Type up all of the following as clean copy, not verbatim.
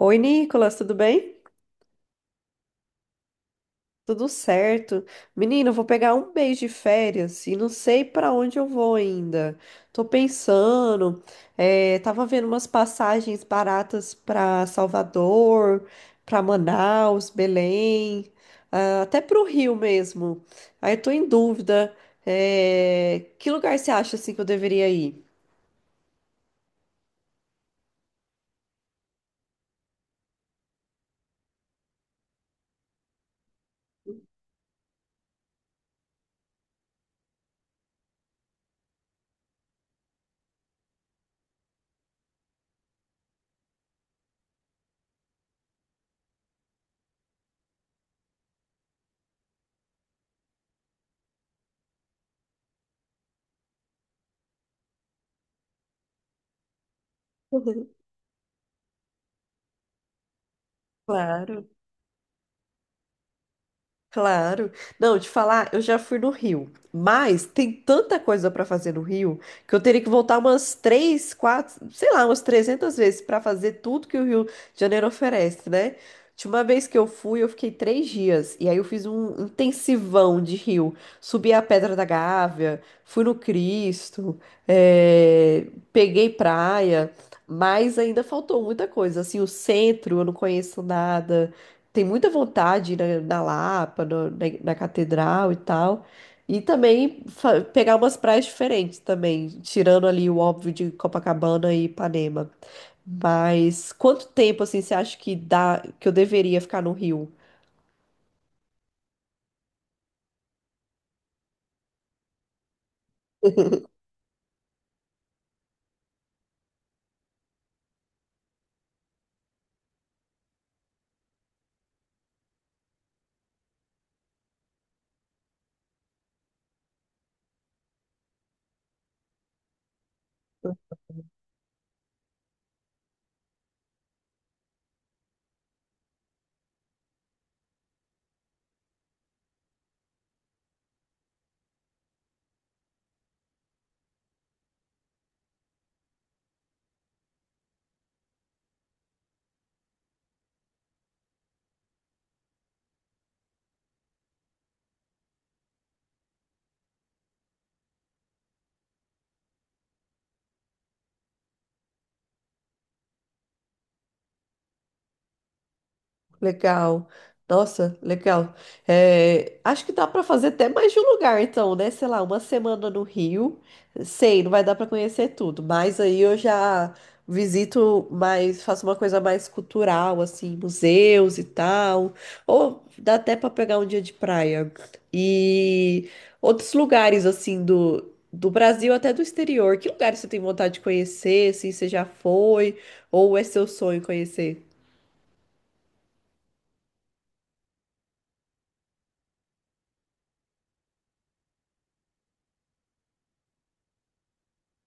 Oi, Nicolas, tudo bem? Tudo certo. Menino, eu vou pegar um mês de férias e não sei pra onde eu vou ainda. Tô pensando, tava vendo umas passagens baratas pra Salvador, pra Manaus, Belém, ah, até pro Rio mesmo. Aí eu tô em dúvida, que lugar você acha assim que eu deveria ir? Claro. Claro. Não, te falar, eu já fui no Rio, mas tem tanta coisa para fazer no Rio que eu teria que voltar umas três, quatro, sei lá, umas 300 vezes para fazer tudo que o Rio de Janeiro oferece, né? De uma vez que eu fui, eu fiquei três dias e aí eu fiz um intensivão de Rio. Subi a Pedra da Gávea, fui no Cristo, eh, peguei praia, mas ainda faltou muita coisa. Assim, o centro eu não conheço nada, tem muita vontade na Lapa, na Catedral e tal. E também pegar umas praias diferentes também, tirando ali o óbvio de Copacabana e Ipanema. Mas quanto tempo assim você acha que dá que eu deveria ficar no Rio? Legal. Nossa, legal. É, acho que dá para fazer até mais de um lugar, então, né? Sei lá, uma semana no Rio. Sei, não vai dar para conhecer tudo, mas aí eu já visito mais, faço uma coisa mais cultural, assim, museus e tal. Ou dá até para pegar um dia de praia. E outros lugares, assim, do Brasil até do exterior. Que lugares você tem vontade de conhecer, assim, você já foi? Ou é seu sonho conhecer?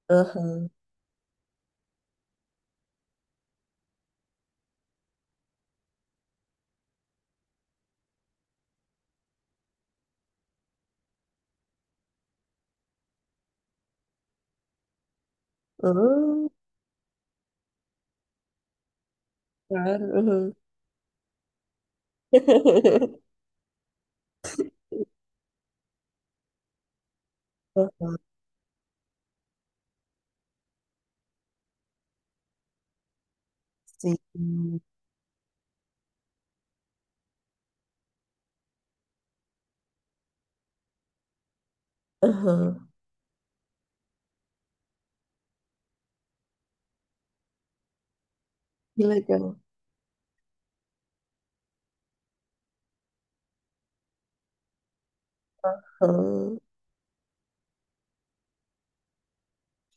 Aham. Ah, claro. Aham. Ah, sim. Aham. Que legal. Aham.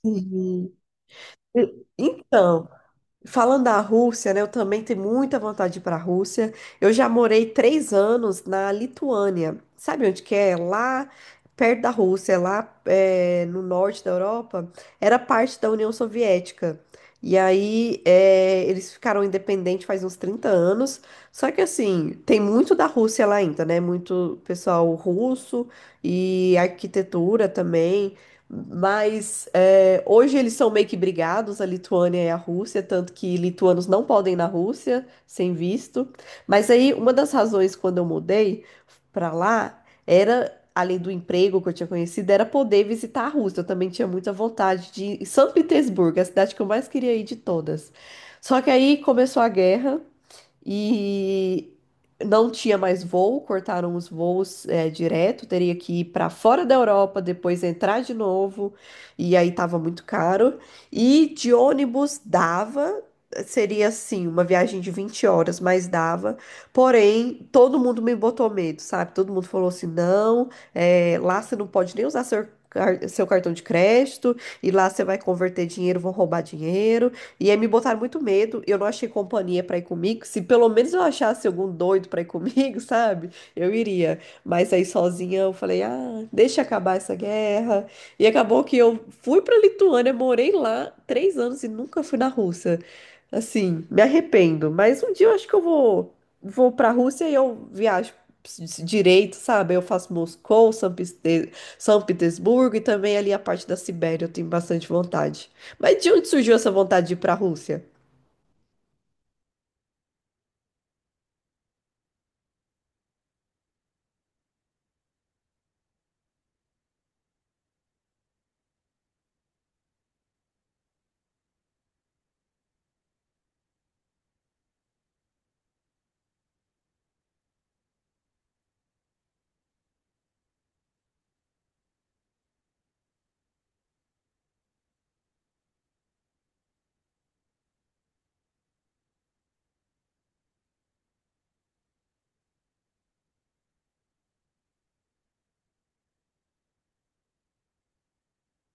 Sim. Então, falando da Rússia, né? Eu também tenho muita vontade de ir para a Rússia. Eu já morei três anos na Lituânia. Sabe onde que é? Lá perto da Rússia, lá é, no norte da Europa, era parte da União Soviética. E aí é, eles ficaram independentes faz uns 30 anos. Só que assim, tem muito da Rússia lá ainda, né? Muito pessoal russo e arquitetura também. Mas é, hoje eles são meio que brigados, a Lituânia e a Rússia, tanto que lituanos não podem ir na Rússia sem visto. Mas aí, uma das razões quando eu mudei para lá era, além do emprego que eu tinha conhecido, era poder visitar a Rússia. Eu também tinha muita vontade de ir em São Petersburgo, a cidade que eu mais queria ir de todas. Só que aí começou a guerra e não tinha mais voo, cortaram os voos é, direto, teria que ir para fora da Europa, depois entrar de novo, e aí tava muito caro. E de ônibus dava, seria assim, uma viagem de 20 horas, mas dava. Porém, todo mundo me botou medo, sabe? Todo mundo falou assim: não, é, lá você não pode nem usar seu cartão de crédito, e lá você vai converter dinheiro, vão roubar dinheiro. E aí me botaram muito medo, eu não achei companhia pra ir comigo. Se pelo menos eu achasse algum doido pra ir comigo, sabe? Eu iria. Mas aí sozinha eu falei, ah, deixa acabar essa guerra. E acabou que eu fui pra Lituânia, morei lá três anos e nunca fui na Rússia. Assim, me arrependo. Mas um dia eu acho que eu vou, vou pra Rússia e eu viajo direito, sabe? Eu faço Moscou, São Petersburgo e também ali a parte da Sibéria, eu tenho bastante vontade. Mas de onde surgiu essa vontade de ir para a Rússia?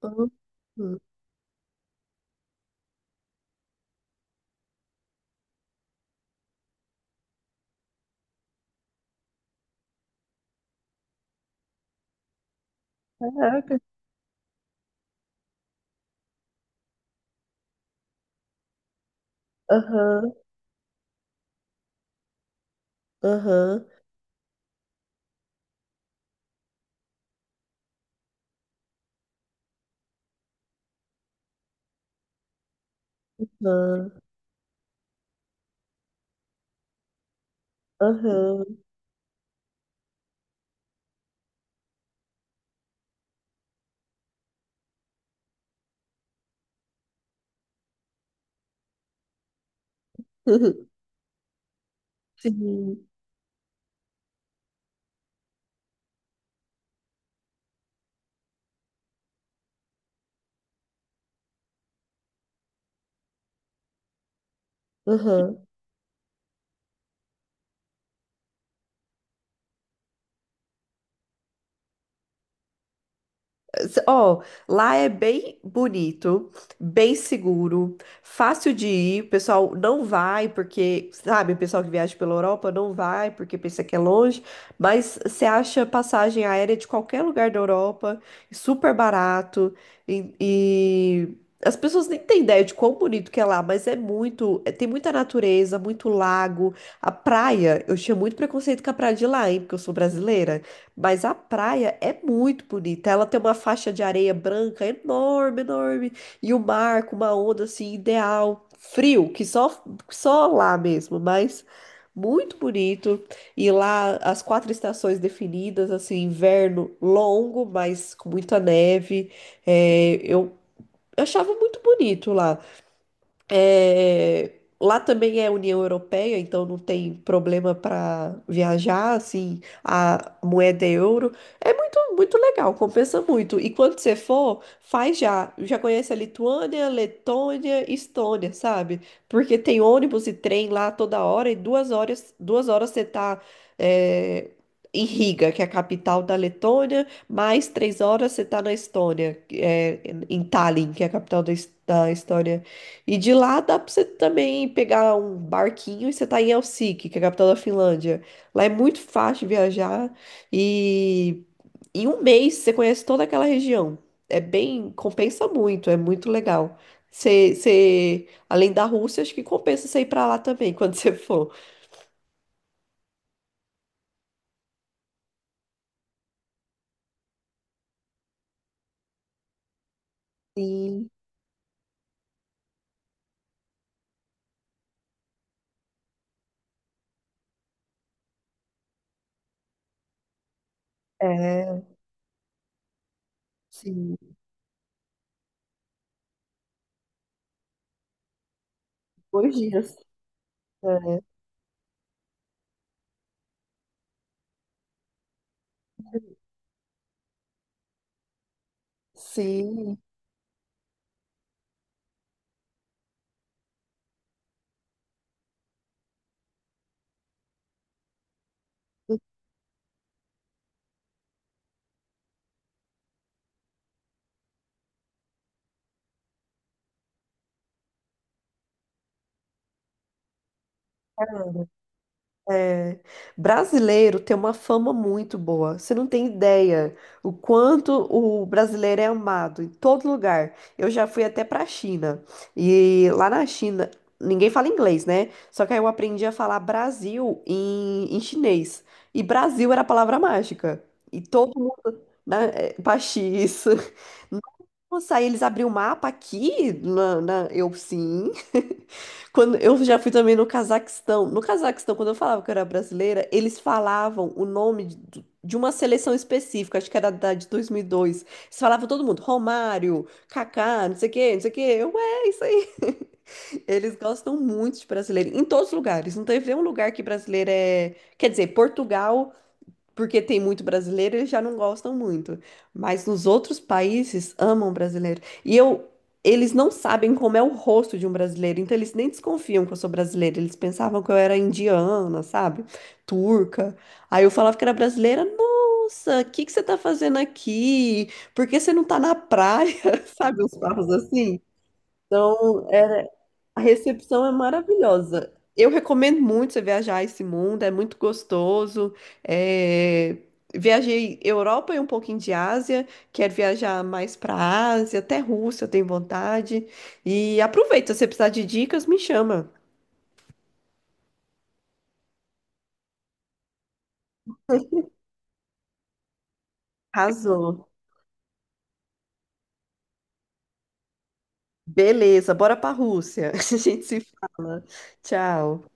Hum, hum. Caraca. Aham, aham, aham, aham. Sim, aham. Ó, lá é bem bonito, bem seguro, fácil de ir. O pessoal não vai porque, sabe, o pessoal que viaja pela Europa não vai porque pensa que é longe, mas você acha passagem aérea de qualquer lugar da Europa, super barato e as pessoas nem têm ideia de quão bonito que é lá, mas é muito, tem muita natureza, muito lago, a praia. Eu tinha muito preconceito com a praia de lá, hein, porque eu sou brasileira. Mas a praia é muito bonita. Ela tem uma faixa de areia branca enorme, enorme. E o mar com uma onda assim ideal. Frio, que só, só lá mesmo, mas muito bonito. E lá as quatro estações definidas, assim, inverno longo, mas com muita neve. É, eu achava muito bonito lá. É, lá também é União Europeia, então não tem problema para viajar, assim, a moeda é euro. É muito, muito legal, compensa muito. E quando você for, faz já. Já conhece a Lituânia, Letônia, Estônia, sabe? Porque tem ônibus e trem lá toda hora, e duas horas você tá, é, em Riga, que é a capital da Letônia, mais três horas você tá na Estônia, é, em Tallinn, que é a capital da, da Estônia. E de lá dá pra você também pegar um barquinho e você tá em Helsinki, que é a capital da Finlândia. Lá é muito fácil viajar e em um mês você conhece toda aquela região. É bem, compensa muito, é muito legal. Você, você, além da Rússia, acho que compensa você ir pra lá também quando você for. Sim, é, sim. Dois dias. É, sim. É, brasileiro tem uma fama muito boa. Você não tem ideia o quanto o brasileiro é amado em todo lugar. Eu já fui até para a China e lá na China ninguém fala inglês, né? Só que aí eu aprendi a falar Brasil em, em chinês e Brasil era a palavra mágica e todo mundo, né, é, Paxi, isso. Nossa, aí eles abriram o mapa aqui na, eu sim. Quando eu já fui também no Cazaquistão. No Cazaquistão, quando eu falava que eu era brasileira, eles falavam o nome de uma seleção específica, acho que era da de 2002. Eles falavam todo mundo, Romário, Kaká, não sei o quê, não sei o quê. Eu, é isso aí. Eles gostam muito de brasileiro, em todos os lugares. Não teve nenhum lugar que brasileiro é. Quer dizer, Portugal porque tem muito brasileiro, eles já não gostam muito. Mas nos outros países amam brasileiro. E eu, eles não sabem como é o rosto de um brasileiro, então eles nem desconfiam que eu sou brasileira. Eles pensavam que eu era indiana, sabe? Turca. Aí eu falava que era brasileira. Nossa, o que que você tá fazendo aqui? Por que você não tá na praia? Sabe, uns papos assim. Então, a recepção é maravilhosa. Eu recomendo muito você viajar esse mundo, é muito gostoso. É, viajei Europa e um pouquinho de Ásia, quero viajar mais para Ásia, até Rússia, eu tenho vontade. E aproveita, se você precisar de dicas, me chama. Arrasou. Beleza, bora para Rússia. A gente se fala. Tchau.